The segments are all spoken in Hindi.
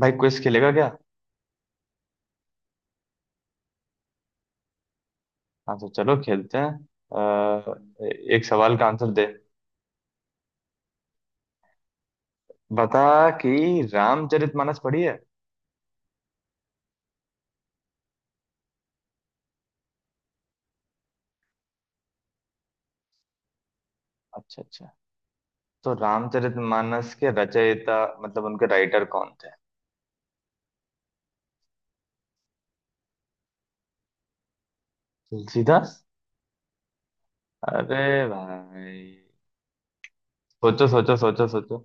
भाई क्विज खेलेगा क्या? हाँ तो चलो खेलते हैं। अ, एक सवाल का आंसर दे। बता कि रामचरितमानस पढ़ी है? अच्छा अच्छा। तो रामचरितमानस के रचयिता मतलब उनके राइटर कौन थे? तुलसीदास? अरे भाई, सोचो सोचो सोचो सोचो।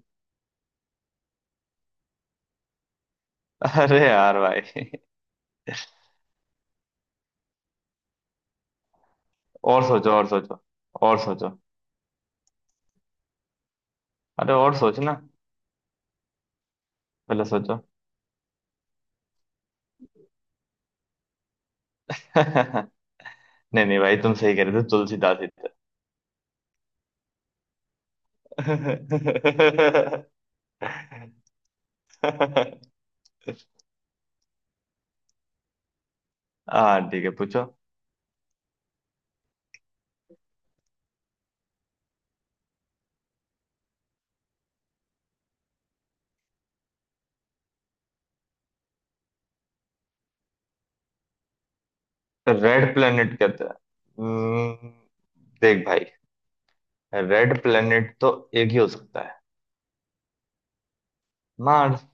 अरे यार भाई, और सोचो और सोचो। और सोचो। अरे और सोचना। पहले सोचो। नहीं। नहीं भाई, तुम सही कह रहे थे, तुलसीदास ही थे। हाँ ठीक है, पूछो। रेड प्लेनेट कहते हैं? हम्म, देख भाई, रेड प्लेनेट तो एक ही हो सकता है। मार्स।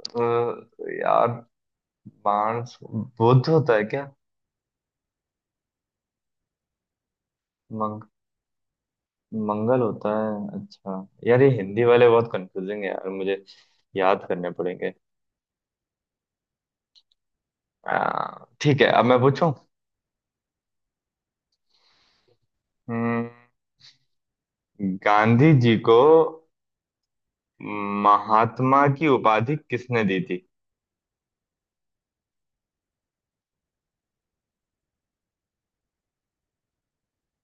अ, यार मार्स बुध होता है क्या? मंग, मंगल होता है। अच्छा यार, ये हिंदी वाले बहुत कंफ्यूजिंग है यार मुझे, याद करने पड़ेंगे। ठीक है, अब मैं पूछूं। हम्म, गांधी जी को महात्मा की उपाधि किसने दी थी?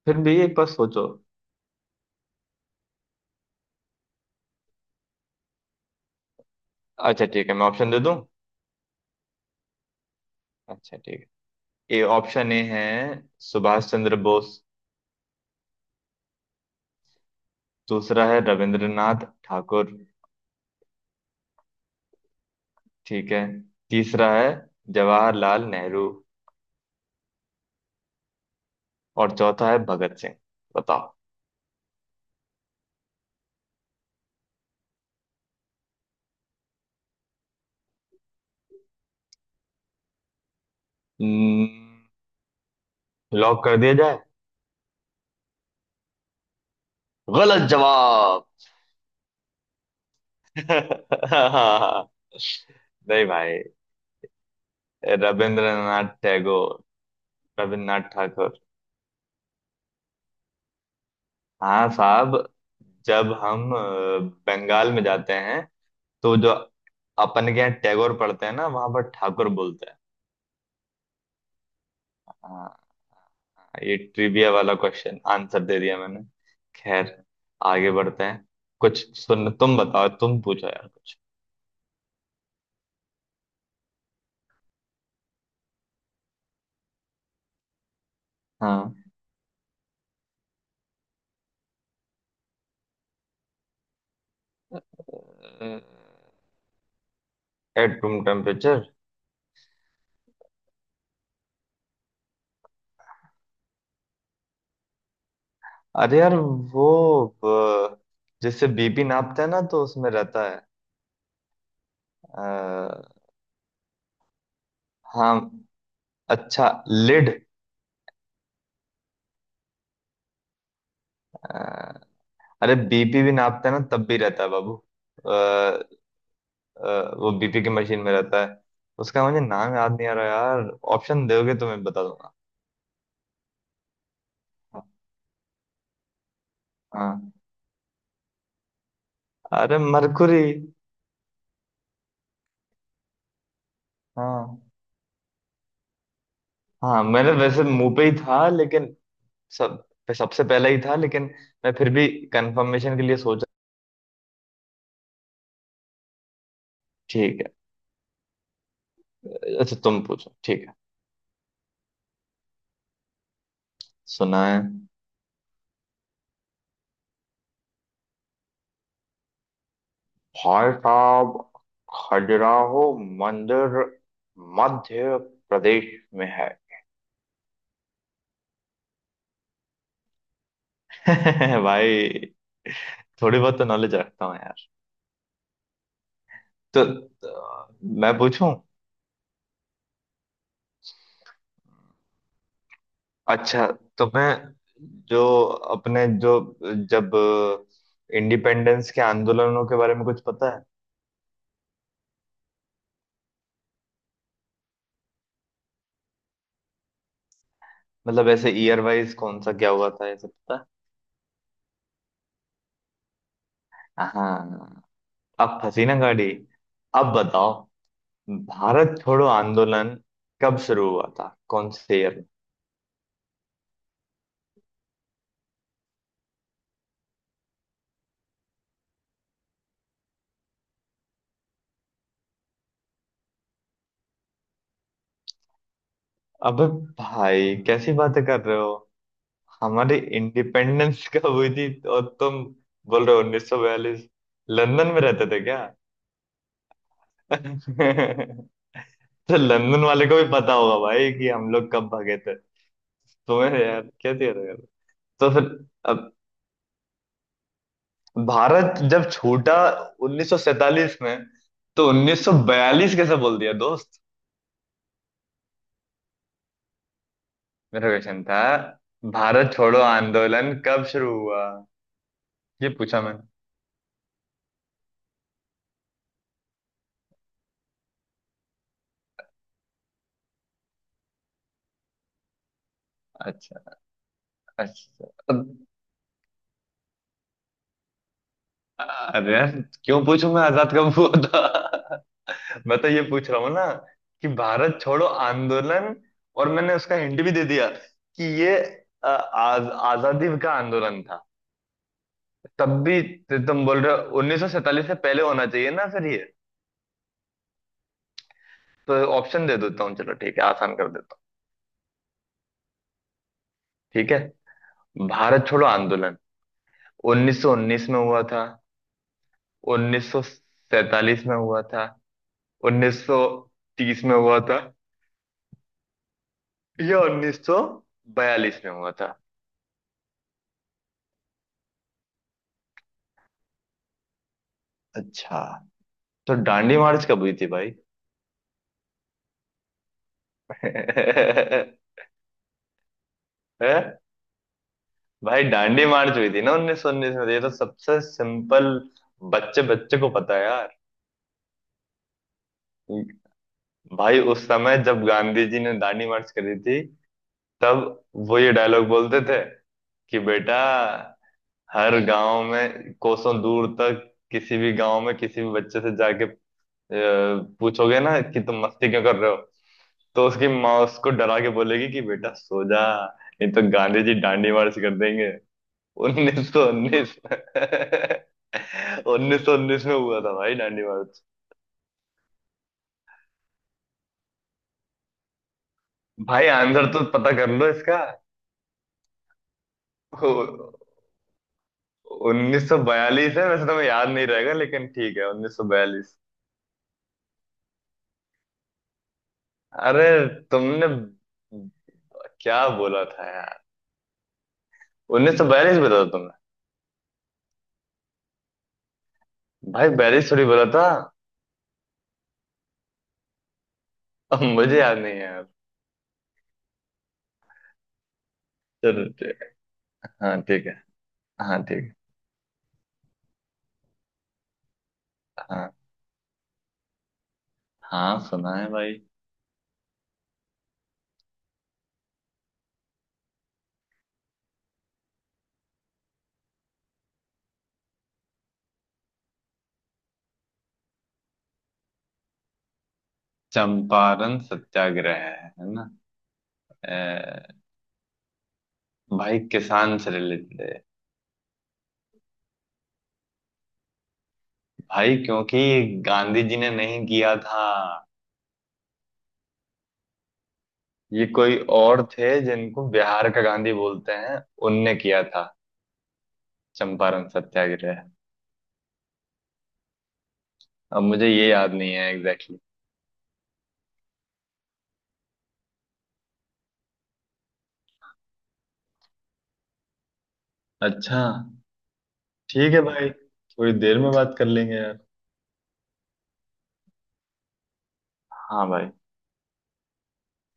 फिर भी एक बार सोचो। अच्छा ठीक है, मैं ऑप्शन दे दूं। अच्छा ठीक है। ए, ऑप्शन ए है। सुभाष चंद्र बोस। दूसरा है रविंद्रनाथ ठाकुर। ठीक है। तीसरा है जवाहरलाल नेहरू। और चौथा है भगत सिंह। बताओ। हम्म, लॉक कर दिया जाए? गलत जवाब। नहीं भाई, रविंद्रनाथ टैगोर। रविन्द्रनाथ ठाकुर। हाँ साहब, जब हम बंगाल में जाते हैं तो जो अपन के यहाँ टैगोर पढ़ते हैं ना वहां पर ठाकुर बोलते हैं। हाँ हाँ, ये ट्रिविया वाला क्वेश्चन आंसर दे दिया मैंने। खैर, आगे बढ़ते हैं। कुछ सुन, तुम बताओ, तुम पूछो यार कुछ। हाँ। At room temperature? अरे यार वो अ, जिससे बीपी नापते हैं ना, तो उसमें रहता है। अ, हाँ। अच्छा लिड? अरे बीपी भी नापते हैं ना, तब भी रहता है बाबू। वो बीपी की मशीन में रहता है। उसका मुझे नाम याद नहीं आ रहा यार। ऑप्शन दोगे तो मैं बता दूंगा। हाँ, अरे मरकुरी। हाँ हाँ, मैंने वैसे मुंह पे ही था लेकिन सब सबसे पहले ही था लेकिन मैं फिर भी कंफर्मेशन के लिए सोचा। ठीक है। अच्छा तुम पूछो, ठीक है। सुना है। भाई साहब, खजुराहो मंदिर मध्य प्रदेश में है। भाई, थोड़ी बहुत तो नॉलेज रखता हूँ यार। तो मैं पूछूं। अच्छा, तो मैं जो अपने जो जब इंडिपेंडेंस के आंदोलनों के बारे में कुछ पता है? मतलब ऐसे ईयर वाइज कौन सा क्या हुआ था, ये सब पता है? हाँ। अब फंसी ना गाड़ी। अब बताओ, भारत छोड़ो आंदोलन कब शुरू हुआ था, कौन से ईयर में? अबे भाई, कैसी बातें कर रहे हो। हमारी इंडिपेंडेंस कब हुई थी? और तुम बोल रहे हो 1942। लंदन में रहते थे क्या? तो लंदन वाले को भी पता होगा भाई कि हम लोग कब भागे थे। तुम्हें यार क्या दिया था यार। तो फिर, अब भारत जब छूटा 1947 में, तो 1942 कैसे बोल दिया दोस्त। मेरा क्वेश्चन था, भारत छोड़ो आंदोलन कब शुरू हुआ, ये पूछा मैंने। अच्छा अच्छा। अरे यार, क्यों पूछूं मैं आजाद कब हुआ था। मैं तो ये पूछ रहा हूँ ना कि भारत छोड़ो आंदोलन। और मैंने उसका हिंट भी दे दिया कि ये अ, आज आजादी का आंदोलन था। तब भी तो तुम बोल रहे हो 1947 से पहले होना चाहिए ना फिर ये। तो ऑप्शन दे देता हूँ, चलो ठीक है, आसान कर देता हूँ। ठीक है। भारत छोड़ो आंदोलन 1919 में हुआ था, 1947 में हुआ था, 1930 में हुआ था, या 1942 में हुआ था? अच्छा, तो दांडी मार्च कब हुई थी भाई? हैं? भाई डांडी मार्च हुई थी ना 1919 में। ये तो सबसे सिंपल, बच्चे बच्चे को पता है यार। भाई उस समय जब गांधी जी ने दांडी मार्च करी थी, तब वो ये डायलॉग बोलते थे कि बेटा, हर गांव में, कोसों दूर तक, किसी भी गांव में किसी भी बच्चे से जाके अ, पूछोगे ना कि तुम मस्ती क्यों कर रहे हो, तो उसकी माँ उसको डरा के बोलेगी कि बेटा सो जा नहीं तो गांधी जी डांडी मार्च कर देंगे। 1919। 1919 में हुआ था भाई दांडी मार्च। भाई आंसर तो पता कर लो इसका। 1942 है। वैसे तुम्हें याद नहीं रहेगा लेकिन ठीक है, 1942। अरे तुमने क्या बोला था यार। 1942 बोला था तुमने। भाई 42 थोड़ी बोला था। अब मुझे याद नहीं है यार। चलो ठीक है। हाँ ठीक है। हाँ ठीक है। हाँ हाँ, सुना है भाई। चंपारण सत्याग्रह है ना। भाई, किसान से रिलेटेड है। भाई, क्योंकि गांधी जी ने नहीं किया था। ये कोई और थे जिनको बिहार का गांधी बोलते हैं, उनने किया था। चंपारण सत्याग्रह। अब मुझे ये याद नहीं है एग्जैक्टली exactly। अच्छा। ठीक है भाई, थोड़ी देर में बात कर लेंगे यार। हाँ भाई।